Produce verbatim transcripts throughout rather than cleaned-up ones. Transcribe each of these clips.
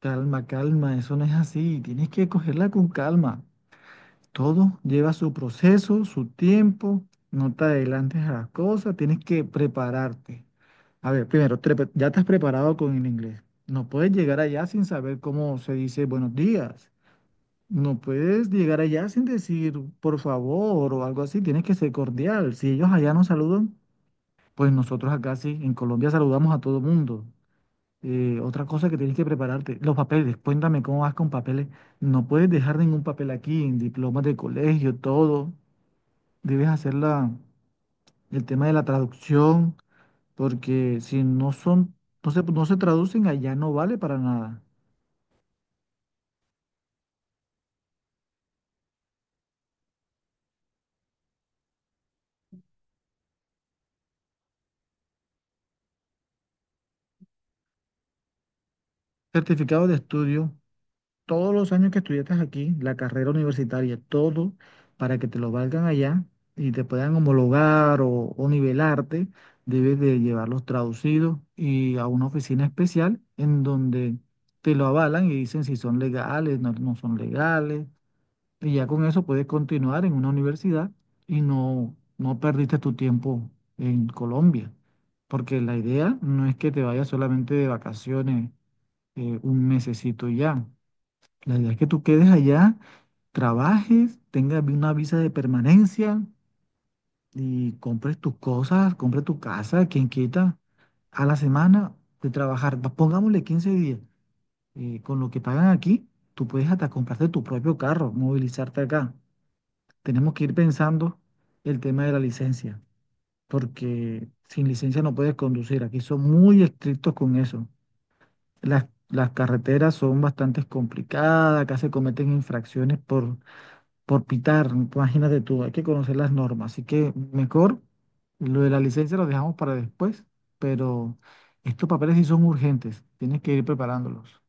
Calma, calma, eso no es así. Tienes que cogerla con calma. Todo lleva su proceso, su tiempo. No te adelantes a las cosas. Tienes que prepararte. A ver, primero, te pre- ya te has preparado con el inglés. No puedes llegar allá sin saber cómo se dice buenos días. No puedes llegar allá sin decir por favor o algo así. Tienes que ser cordial. Si ellos allá no saludan, pues nosotros acá sí, en Colombia saludamos a todo mundo. Eh, otra cosa que tienes que prepararte, los papeles, cuéntame cómo vas con papeles. No puedes dejar ningún papel aquí, en diplomas de colegio, todo. Debes hacer la, el tema de la traducción, porque si no son, no se, no se traducen allá, no vale para nada. Certificado de estudio, todos los años que estudiaste aquí, la carrera universitaria, todo para que te lo valgan allá y te puedan homologar o, o nivelarte, debes de llevarlos traducidos y a una oficina especial en donde te lo avalan y dicen si son legales, no, no son legales, y ya con eso puedes continuar en una universidad y no, no perdiste tu tiempo en Colombia, porque la idea no es que te vayas solamente de vacaciones eh, un mesecito y ya. La idea es que tú quedes allá, trabajes, tengas vi- una visa de permanencia y compres tus cosas, compres tu casa, quien quita, a la semana de trabajar, va- pongámosle quince días, eh, con lo que pagan aquí, tú puedes hasta comprarte tu propio carro, movilizarte acá. Tenemos que ir pensando el tema de la licencia, porque sin licencia no puedes conducir. Aquí son muy estrictos con eso. Las, las carreteras son bastante complicadas, acá se cometen infracciones por por pitar, imagínate tú, hay que conocer las normas, así que mejor lo de la licencia lo dejamos para después, pero estos papeles sí son urgentes, tienes que ir preparándolos.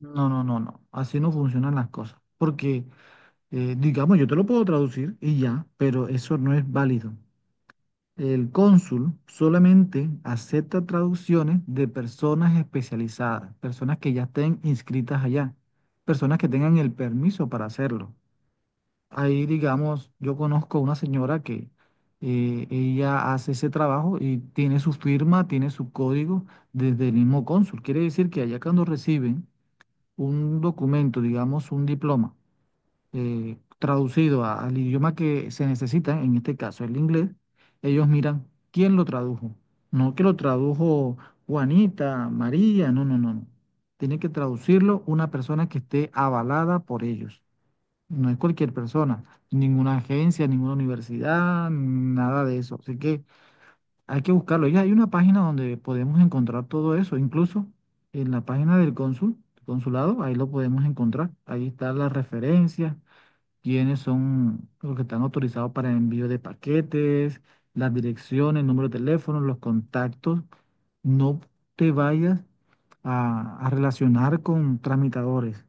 No, no, no, no, así no funcionan las cosas, porque eh, digamos, yo te lo puedo traducir y ya, pero eso no es válido. El cónsul solamente acepta traducciones de personas especializadas, personas que ya estén inscritas allá, personas que tengan el permiso para hacerlo. Ahí, digamos, yo conozco una señora que eh, ella hace ese trabajo y tiene su firma, tiene su código desde el mismo cónsul. Quiere decir que allá cuando reciben un documento, digamos, un diploma eh, traducido a- al idioma que se necesita, en este caso el inglés, ellos miran quién lo tradujo. No que lo tradujo Juanita, María, no, no, no, no. Tiene que traducirlo una persona que esté avalada por ellos. No es cualquier persona, ninguna agencia, ninguna universidad, nada de eso. Así que hay que buscarlo. Ya hay una página donde podemos encontrar todo eso, incluso en la página del cónsul, consulado, ahí lo podemos encontrar. Ahí están las referencias, quiénes son los que están autorizados para envío de paquetes, las direcciones, el número de teléfono, los contactos. No te vayas a, a relacionar con tramitadores.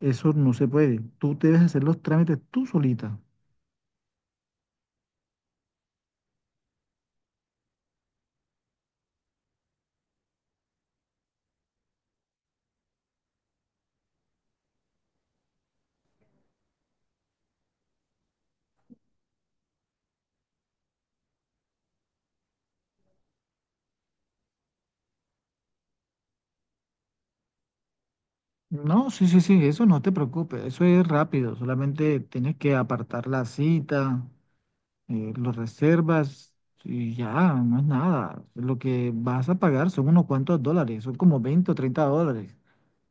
Eso no se puede. Tú debes hacer los trámites tú solita. No, sí, sí, sí, eso no te preocupes. Eso es rápido. Solamente tienes que apartar la cita, eh, los reservas y ya, no es nada. Lo que vas a pagar son unos cuantos dólares, son como veinte o treinta dólares.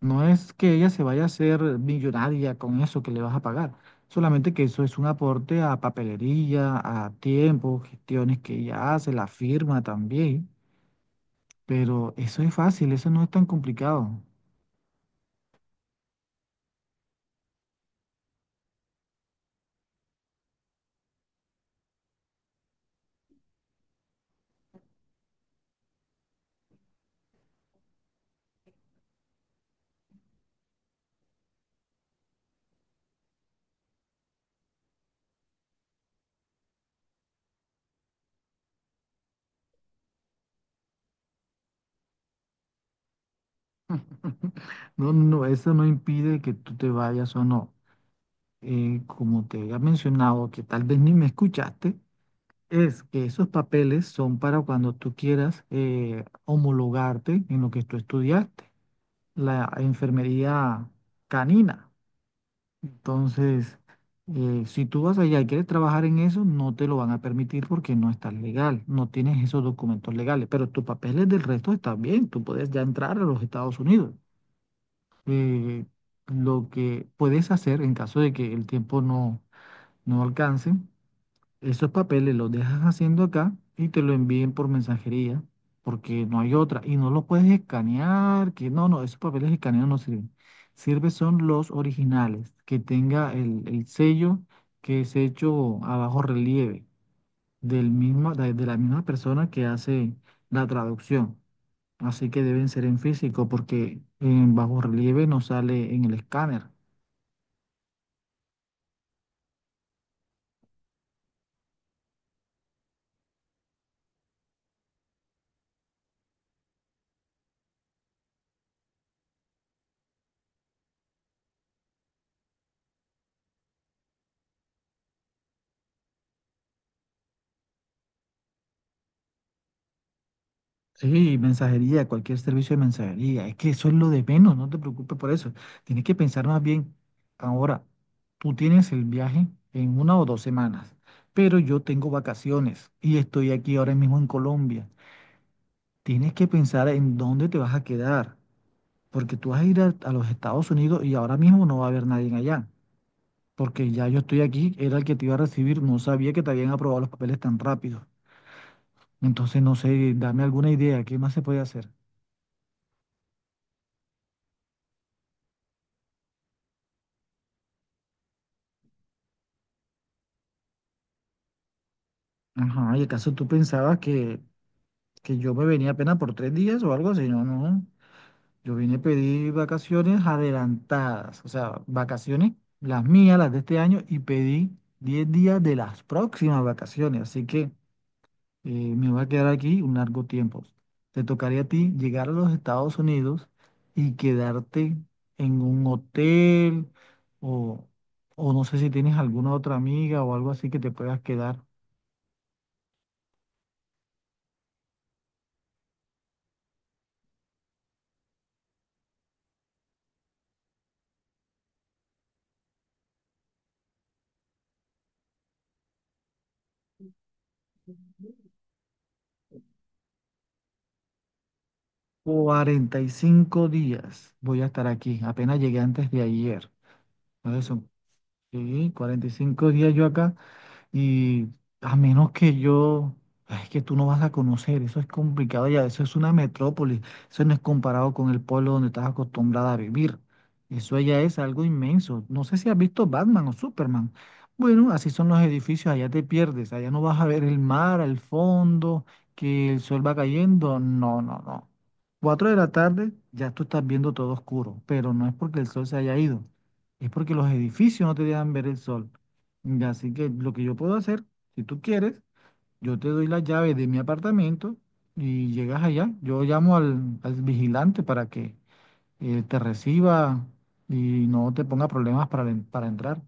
No es que ella se vaya a hacer millonaria con eso que le vas a pagar, solamente que eso es un aporte a papelería, a tiempo, gestiones que ella hace, la firma también. Pero eso es fácil, eso no es tan complicado. No, no, eso no impide que tú te vayas o no. Eh, como te había mencionado, que tal vez ni me escuchaste, es que esos papeles son para cuando tú quieras eh, homologarte en lo que tú estudiaste, la enfermería canina. Entonces, eh, si tú vas allá y quieres trabajar en eso, no te lo van a permitir porque no estás legal, no tienes esos documentos legales, pero tus papeles del resto están bien, tú puedes ya entrar a los Estados Unidos. Eh, lo que puedes hacer en caso de que el tiempo no, no alcance, esos papeles los dejas haciendo acá y te lo envíen por mensajería, porque no hay otra. Y no los puedes escanear, que no, no, esos papeles escaneados no sirven. Sirve son los originales, que tenga el, el sello que es hecho a bajo relieve del mismo, de, de la misma persona que hace la traducción. Así que deben ser en físico, porque en bajo relieve no sale en el escáner. Sí, mensajería, cualquier servicio de mensajería. Es que eso es lo de menos, no te preocupes por eso. Tienes que pensar más bien, ahora, tú tienes el viaje en una o dos semanas, pero yo tengo vacaciones y estoy aquí ahora mismo en Colombia. Tienes que pensar en dónde te vas a quedar, porque tú vas a ir a, a los Estados Unidos y ahora mismo no va a haber nadie allá, porque ya yo estoy aquí, era el que te iba a recibir, no sabía que te habían aprobado los papeles tan rápido. Entonces, no sé, dame alguna idea, ¿qué más se puede hacer? Ajá, ¿y acaso tú pensabas que, que yo me venía apenas por tres días o algo así? No, no. Yo vine a pedir vacaciones adelantadas, o sea, vacaciones, las mías, las de este año, y pedí diez días de las próximas vacaciones. Así que eh, me voy a quedar aquí un largo tiempo. Te tocaría a ti llegar a los Estados Unidos y quedarte en un hotel o, o no sé si tienes alguna otra amiga o algo así que te puedas quedar. Cuarenta y cinco días voy a estar aquí. Apenas llegué antes de ayer. Entonces son sí, cuarenta y cinco días yo acá. Y a menos que yo, es que tú no vas a conocer, eso es complicado ya, eso es una metrópolis, eso no es comparado con el pueblo donde estás acostumbrada a vivir. Eso ya es algo inmenso. No sé si has visto Batman o Superman. Bueno, así son los edificios, allá te pierdes, allá no vas a ver el mar al fondo, que el sol va cayendo. No, no, no. Cuatro de la tarde ya tú estás viendo todo oscuro, pero no es porque el sol se haya ido, es porque los edificios no te dejan ver el sol. Y así que lo que yo puedo hacer, si tú quieres, yo te doy la llave de mi apartamento y llegas allá. Yo llamo al, al vigilante para que eh, te reciba y no te ponga problemas para, en- para entrar.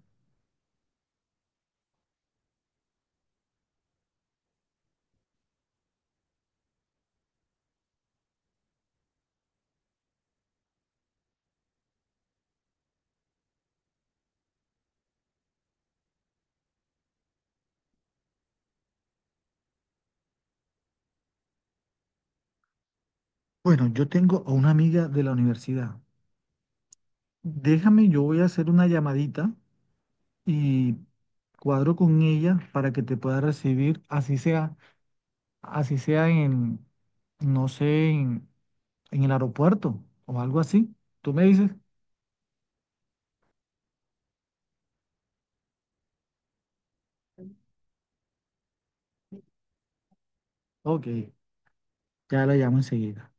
Bueno, yo tengo a una amiga de la universidad. Déjame, yo voy a hacer una llamadita y cuadro con ella para que te pueda recibir, así sea, así sea en, no sé, en, en el aeropuerto o algo así. ¿Tú me dices? Ok. Ya la llamo enseguida.